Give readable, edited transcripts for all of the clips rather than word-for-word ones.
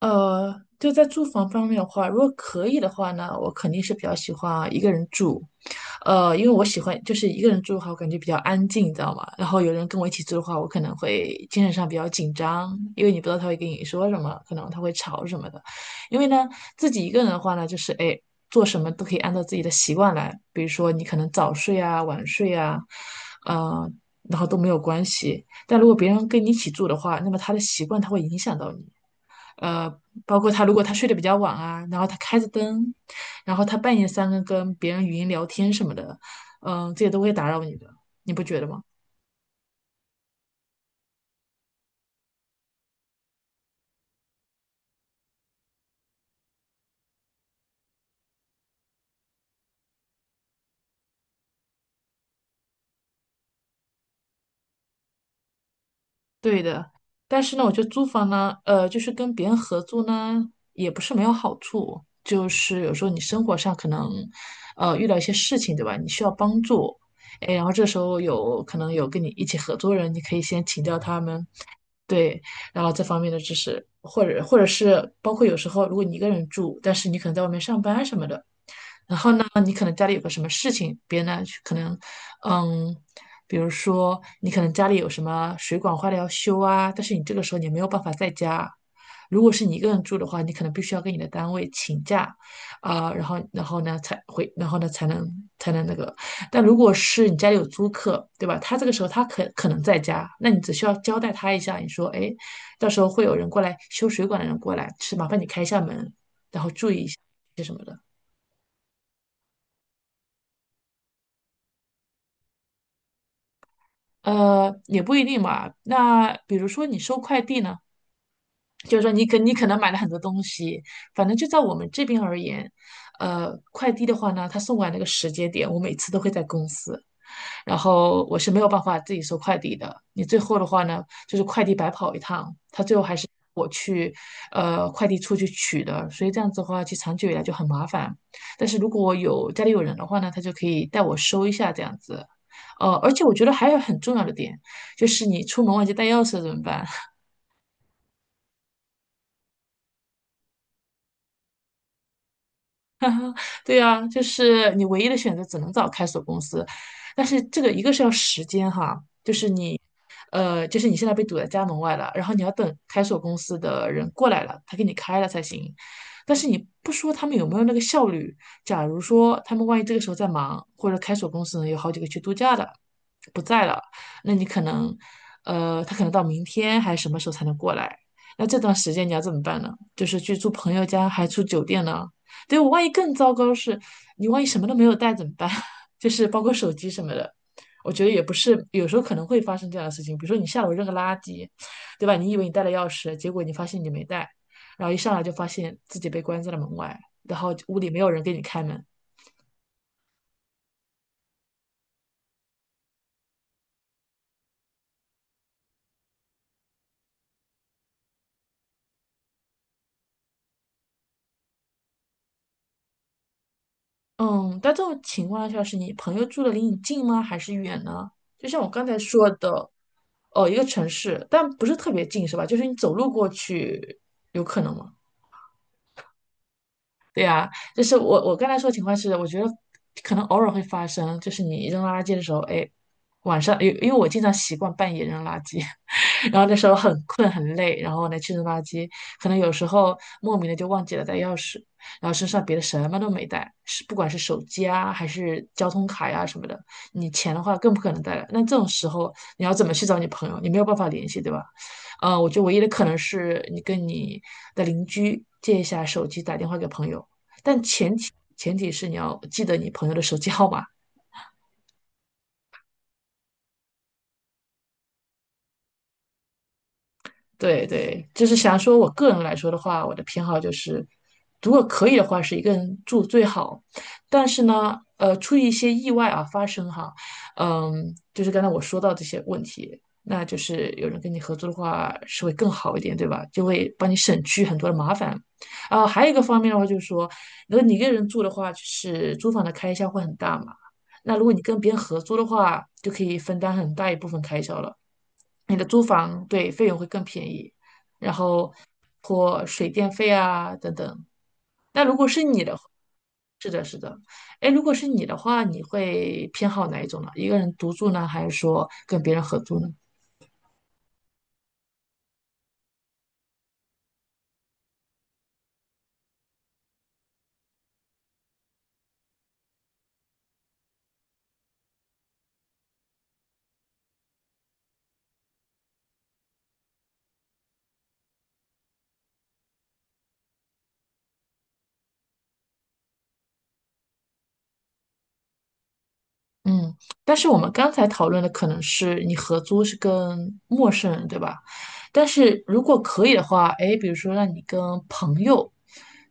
呃，就在住房方面的话，如果可以的话呢，我肯定是比较喜欢一个人住，因为我喜欢就是一个人住的话，我感觉比较安静，你知道吗？然后有人跟我一起住的话，我可能会精神上比较紧张，因为你不知道他会跟你说什么，可能他会吵什么的。因为呢，自己一个人的话呢，就是哎，做什么都可以按照自己的习惯来，比如说你可能早睡啊、晚睡啊，呃，然后都没有关系。但如果别人跟你一起住的话，那么他的习惯他会影响到你。呃，包括他如果他睡得比较晚啊，然后他开着灯，然后他半夜三更跟别人语音聊天什么的，嗯、这些都会打扰你的，你不觉得吗？对的，但是呢，我觉得租房呢，就是跟别人合租呢，也不是没有好处。就是有时候你生活上可能，遇到一些事情，对吧？你需要帮助，哎，然后这时候有可能有跟你一起合租的人，你可以先请教他们，对，然后这方面的知识，或者是包括有时候如果你一个人住，但是你可能在外面上班什么的，然后呢，你可能家里有个什么事情，别人呢可能嗯，比如说你可能家里有什么水管坏了要修啊，但是你这个时候你没有办法在家。如果是你一个人住的话，你可能必须要跟你的单位请假，啊、然后呢才回，然后呢才能才能那个。但如果是你家里有租客，对吧？他这个时候他可能在家，那你只需要交代他一下，你说，哎，到时候会有人过来修水管的人过来，是麻烦你开一下门，然后注意一下。也不一定嘛。那比如说你收快递呢？就是说你可能买了很多东西，反正就在我们这边而言，快递的话呢，他送过来那个时间点，我每次都会在公司，然后我是没有办法自己收快递的。你最后的话呢，就是快递白跑一趟，他最后还是我去，快递处去取的，所以这样子的话，其实长久以来就很麻烦。但是如果有家里有人的话呢，他就可以带我收一下这样子。而且我觉得还有很重要的点，就是你出门忘记带钥匙怎么办？对啊，就是你唯一的选择只能找开锁公司，但是这个一个是要时间哈，就是你。就是你现在被堵在家门外了，然后你要等开锁公司的人过来了，他给你开了才行。但是你不说他们有没有那个效率，假如说他们万一这个时候在忙，或者开锁公司呢有好几个去度假的，不在了，那你可能，他可能到明天还是什么时候才能过来？那这段时间你要怎么办呢？就是去住朋友家，还住酒店呢？对，我万一更糟糕是，你万一什么都没有带怎么办？就是包括手机什么的。我觉得也不是，有时候可能会发生这样的事情。比如说你下楼扔个垃圾，对吧？你以为你带了钥匙，结果你发现你没带，然后一上来就发现自己被关在了门外，然后屋里没有人给你开门。嗯，但这种情况下是你朋友住的离你近吗？还是远呢？就像我刚才说的，哦，一个城市，但不是特别近，是吧？就是你走路过去，有可能吗？就是我刚才说的情况是，我觉得可能偶尔会发生，就是你扔垃圾的时候，哎，晚上因为我经常习惯半夜扔垃圾，然后那时候很困很累，然后呢去扔垃圾，可能有时候莫名的就忘记了带钥匙，然后身上别的什么都没带，是不管是手机啊还是交通卡呀、什么的，你钱的话更不可能带了。那这种时候你要怎么去找你朋友？你没有办法联系，对吧？我觉得唯一的可能是你跟你的邻居借一下手机，打电话给朋友。但前提是你要记得你朋友的手机号码，对对，就是想说，我个人来说的话，我的偏好就是，如果可以的话，是一个人住最好。但是呢，出于一些意外啊发生哈，嗯，就是刚才我说到这些问题，那就是有人跟你合租的话是会更好一点，对吧？就会帮你省去很多的麻烦。啊，还有一个方面的话就是说，如果你一个人住的话，就是租房的开销会很大嘛。那如果你跟别人合租的话，就可以分担很大一部分开销了。你的租房对费用会更便宜，然后或水电费啊等等。那如果是你的话，是的，是的，哎，如果是你的话，你会偏好哪一种呢？一个人独住呢，还是说跟别人合租呢？嗯，但是我们刚才讨论的可能是你合租是跟陌生人，对吧？但是如果可以的话，哎，比如说让你跟朋友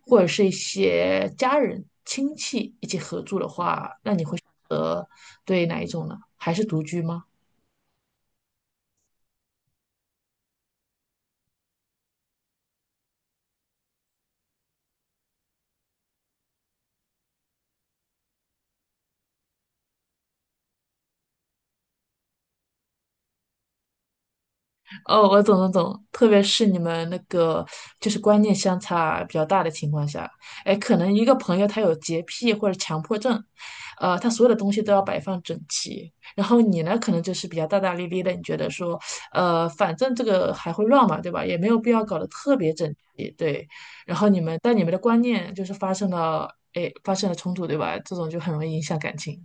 或者是一些家人、亲戚一起合租的话，那你会选择对哪一种呢？还是独居吗？哦，我懂，特别是你们那个就是观念相差比较大的情况下，哎，可能一个朋友他有洁癖或者强迫症，他所有的东西都要摆放整齐，然后你呢，可能就是比较大大咧咧的，你觉得说，反正这个还会乱嘛，对吧？也没有必要搞得特别整齐，对。然后但你们的观念就是发生了，哎，发生了冲突，对吧？这种就很容易影响感情。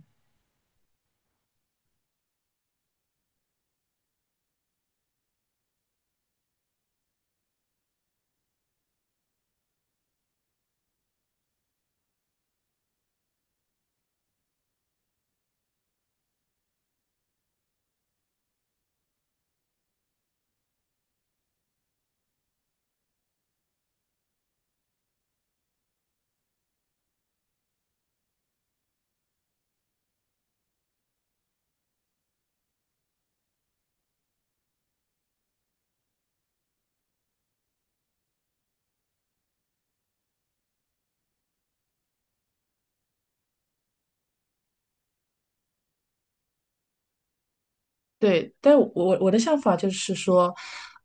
对，但我的想法就是说，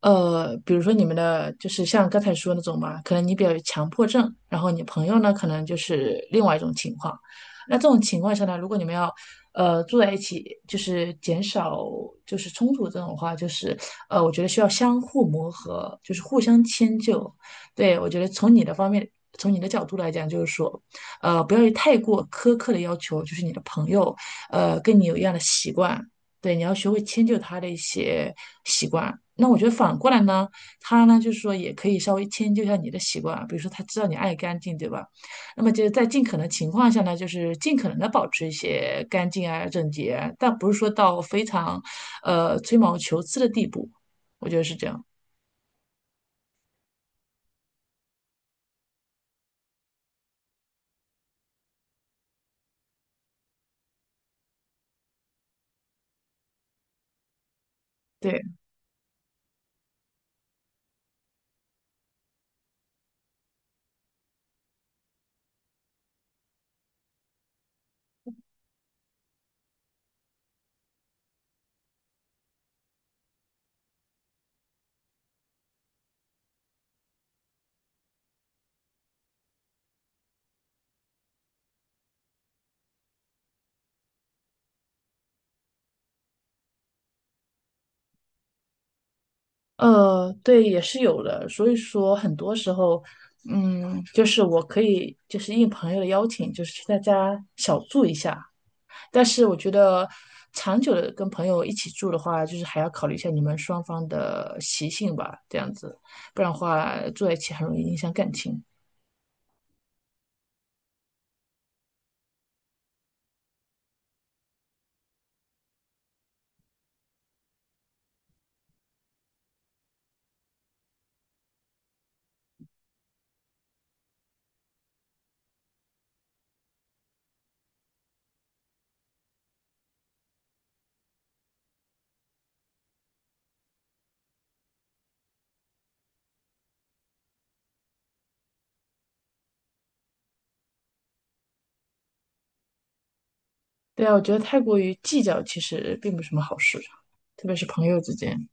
比如说你们的，就是像刚才说那种嘛，可能你比较有强迫症，然后你朋友呢，可能就是另外一种情况。那这种情况下呢，如果你们要呃住在一起，就是减少就是冲突这种话，就是我觉得需要相互磨合，就是互相迁就。对，我觉得从你的方面，从你的角度来讲，就是说，不要有太过苛刻的要求，就是你的朋友，跟你有一样的习惯。对，你要学会迁就他的一些习惯。那我觉得反过来呢，他呢就是说也可以稍微迁就一下你的习惯，比如说他知道你爱干净，对吧？那么就是在尽可能情况下呢，就是尽可能的保持一些干净啊、整洁啊但不是说到非常呃吹毛求疵的地步，我觉得是这样。对。对，也是有的。所以说，很多时候，嗯，就是我可以就是应朋友的邀请，就是去他家小住一下，但是我觉得长久的跟朋友一起住的话，就是还要考虑一下你们双方的习性吧，这样子，不然的话住在一起很容易影响感情。对啊，我觉得太过于计较其实并不是什么好事，特别是朋友之间。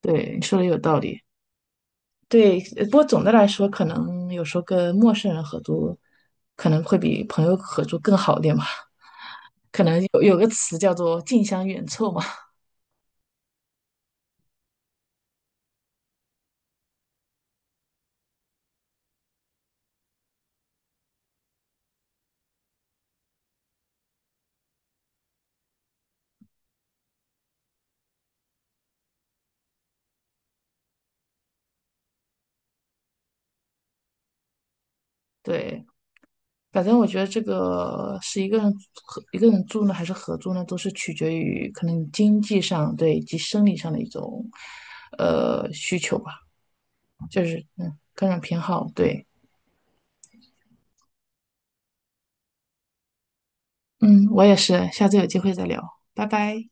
对，你说的有道理。对，呃不过总的来说，可能有时候跟陌生人合租，可能会比朋友合租更好一点吧。有有个词叫做"近乡远凑"嘛。对，反正我觉得这个是一个人合一个人住呢，还是合租呢，都是取决于可能经济上对以及生理上的一种呃需求吧，就是嗯个人偏好。对，嗯，我也是，下次有机会再聊，拜拜。